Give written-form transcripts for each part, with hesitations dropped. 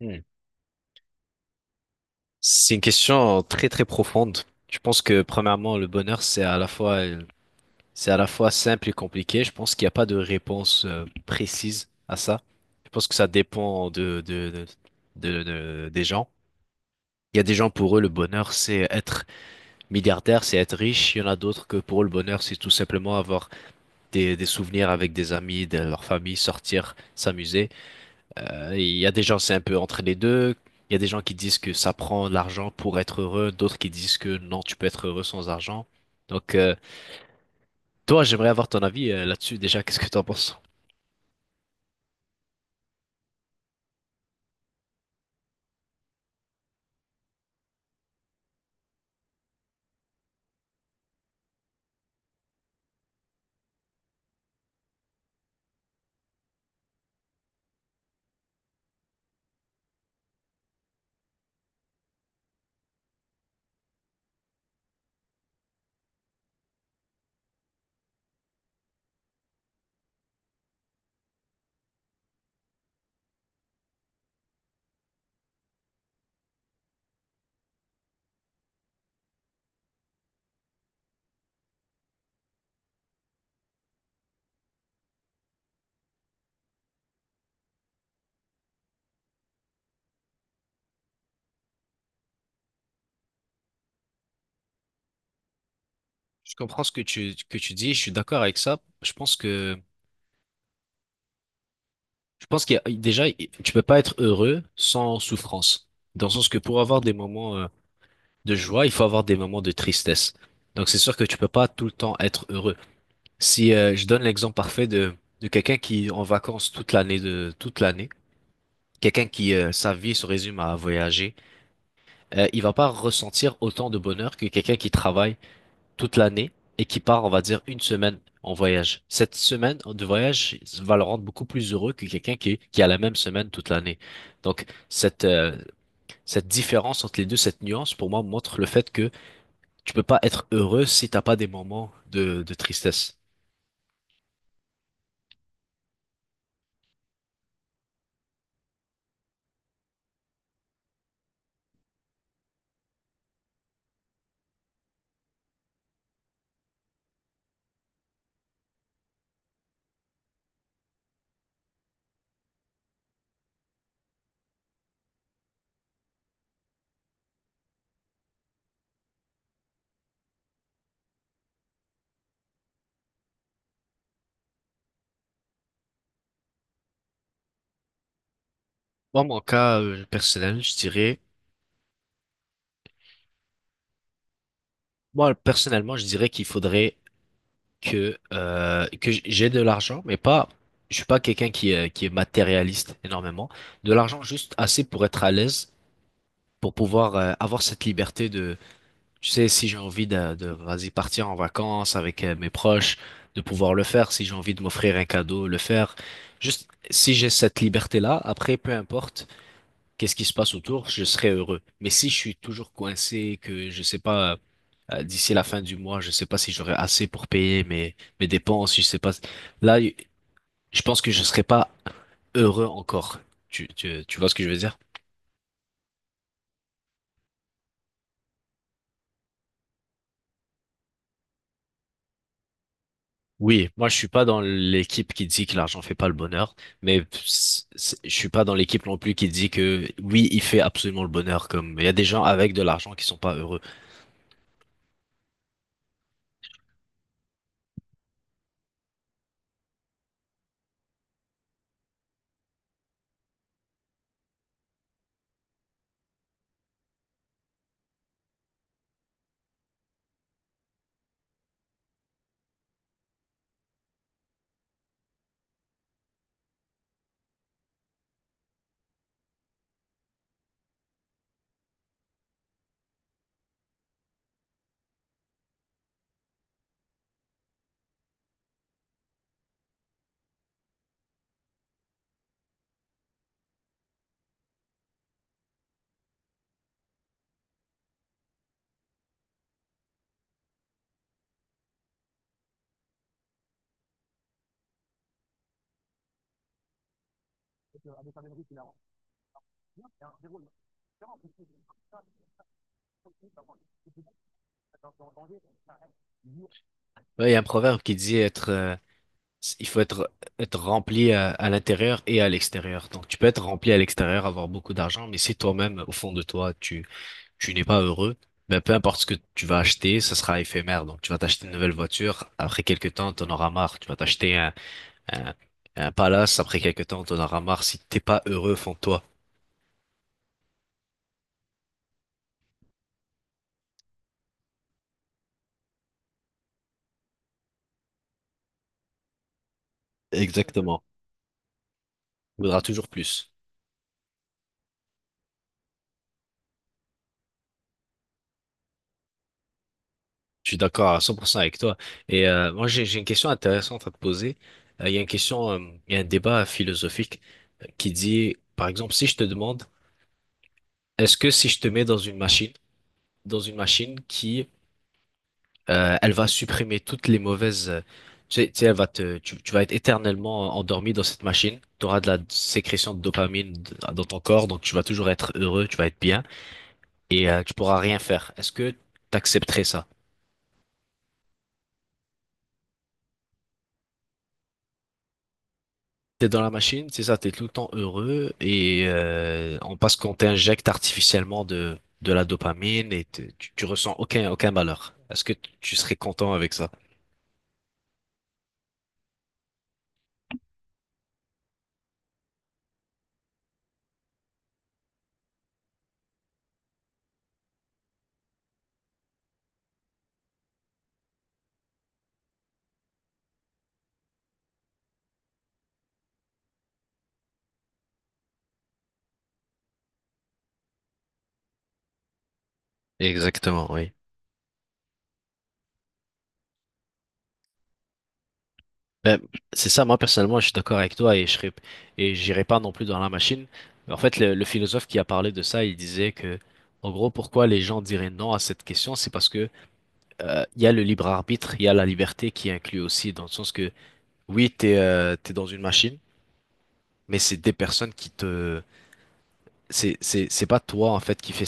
Hmm. C'est une question très très profonde. Je pense que premièrement, le bonheur, c'est à la fois, c'est à la fois simple et compliqué. Je pense qu'il n'y a pas de réponse précise à ça. Je pense que ça dépend de- des gens. Il y a des gens pour eux, le bonheur, c'est être milliardaire, c'est être riche. Il y en a d'autres que pour eux, le bonheur, c'est tout simplement avoir des souvenirs avec des amis, de leur famille, sortir, s'amuser. Il y a des gens, c'est un peu entre les deux. Il y a des gens qui disent que ça prend de l'argent pour être heureux, d'autres qui disent que non, tu peux être heureux sans argent. Donc, toi, j'aimerais avoir ton avis là-dessus déjà. Qu'est-ce que tu en penses? Je comprends ce que tu dis, je suis d'accord avec ça. Je pense qu'il y a, déjà, tu peux pas être heureux sans souffrance. Dans le sens que pour avoir des moments de joie, il faut avoir des moments de tristesse. Donc c'est sûr que tu peux pas tout le temps être heureux. Si je donne l'exemple parfait de quelqu'un qui est en vacances toute l'année de toute l'année, quelqu'un qui, sa vie se résume à voyager, il va pas ressentir autant de bonheur que quelqu'un qui travaille toute l'année et qui part, on va dire, une semaine en voyage. Cette semaine de voyage va le rendre beaucoup plus heureux que quelqu'un qui a la même semaine toute l'année. Donc, cette différence entre les deux, cette nuance, pour moi, montre le fait que tu peux pas être heureux si t'as pas des moments de tristesse. Moi, mon cas personnel, je dirais, moi, personnellement, je dirais qu'il faudrait que j'ai de l'argent, mais pas, je suis pas quelqu'un qui est matérialiste énormément. De l'argent juste assez pour être à l'aise, pour pouvoir avoir cette liberté de, tu sais, si j'ai envie de vas-y, partir en vacances avec mes proches, de pouvoir le faire. Si j'ai envie de m'offrir un cadeau, le faire. Juste, si j'ai cette liberté-là, après, peu importe qu'est-ce qui se passe autour, je serai heureux. Mais si je suis toujours coincé, que je sais pas, d'ici la fin du mois, je sais pas si j'aurai assez pour payer mes dépenses, je sais pas. Là, y- je pense que je serai pas heureux encore. Tu vois ce que je veux dire? Oui, moi je suis pas dans l'équipe qui dit que l'argent fait pas le bonheur, mais je suis pas dans l'équipe non plus qui dit que oui, il fait absolument le bonheur. Comme il y a des gens avec de l'argent qui sont pas heureux. Ouais, il y a un proverbe qui dit être , il faut être, être rempli à l'intérieur et à l'extérieur. Donc, tu peux être rempli à l'extérieur, avoir beaucoup d'argent, mais si toi-même, au fond de toi, tu n'es pas heureux, ben, peu importe ce que tu vas acheter, ça sera éphémère. Donc, tu vas t'acheter une nouvelle voiture. Après quelques temps, t'en auras marre. Tu vas t'acheter un, un palace. Après quelques temps, t'en auras marre si t'es pas heureux au fond de toi. Exactement. Tu voudras toujours plus. Je suis d'accord à 100% avec toi. Et moi, j'ai une question intéressante à te poser. Il y a une question, il y a un débat philosophique qui dit, par exemple, si je te demande, est-ce que si je te mets dans une machine qui, elle va supprimer toutes les mauvaises, elle va tu, tu vas être éternellement endormi dans cette machine, tu auras de la sécrétion de dopamine dans ton corps, donc tu vas toujours être heureux, tu vas être bien, et tu pourras rien faire. Est-ce que tu accepterais ça? T'es dans la machine, c'est ça, t'es tout le temps heureux et parce qu'on t'injecte artificiellement de la dopamine et tu ressens aucun malheur. Est-ce que tu serais content avec ça? Exactement, oui. Ben, c'est ça, moi personnellement, je suis d'accord avec toi et et j'irai pas non plus dans la machine. En fait, le philosophe qui a parlé de ça, il disait que, en gros, pourquoi les gens diraient non à cette question, c'est parce que il y a le libre arbitre, il y a la liberté qui est inclue aussi, dans le sens que oui, t'es dans une machine, mais c'est des personnes qui te... c'est pas toi, en fait,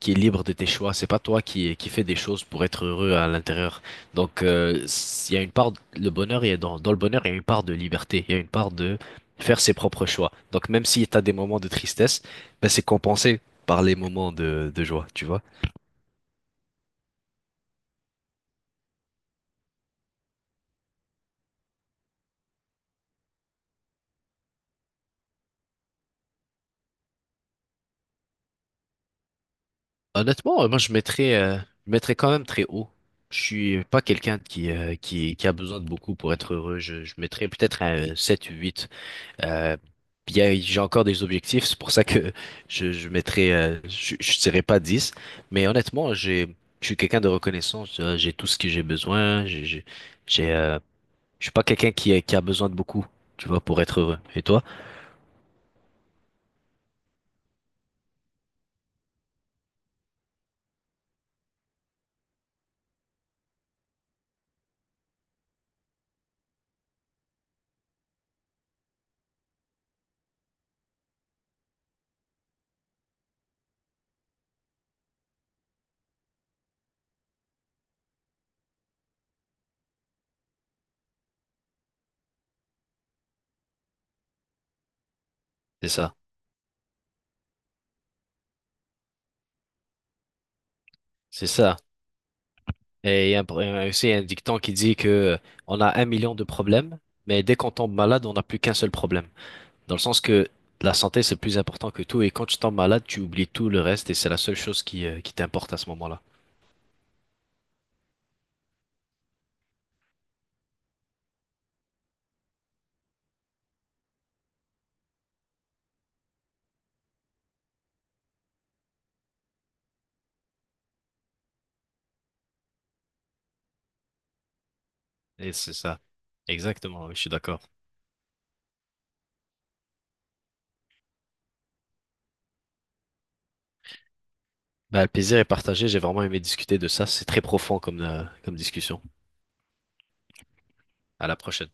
qui est libre de tes choix. C'est pas toi qui fait des choses pour être heureux à l'intérieur. Donc, il y a une part, le bonheur, il y a dans le bonheur, il y a une part de liberté. Il y a une part de faire ses propres choix. Donc, même si tu as des moments de tristesse, ben, c'est compensé par les moments de joie, tu vois. Honnêtement, moi, je mettrais quand même très haut. Je suis pas quelqu'un qui a besoin de beaucoup pour être heureux. Je mettrais peut-être un 7 ou 8. Euh, puis, j'ai encore des objectifs, c'est pour ça que je mettrai, je dirais pas dix, mais honnêtement, je suis quelqu'un de reconnaissant, j'ai tout ce que j'ai besoin, j'ai, euh, je suis pas quelqu'un qui a besoin de beaucoup, tu vois, pour être heureux. Et toi? C'est ça, c'est ça. Et il y a aussi un dicton qui dit que on a 1 000 000 de problèmes, mais dès qu'on tombe malade, on n'a plus qu'un seul problème. Dans le sens que la santé, c'est plus important que tout, et quand tu tombes malade, tu oublies tout le reste, et c'est la seule chose qui t'importe à ce moment-là. Et c'est ça. Exactement, oui, je suis d'accord. Bah, le plaisir est partagé. J'ai vraiment aimé discuter de ça. C'est très profond comme, comme discussion. À la prochaine.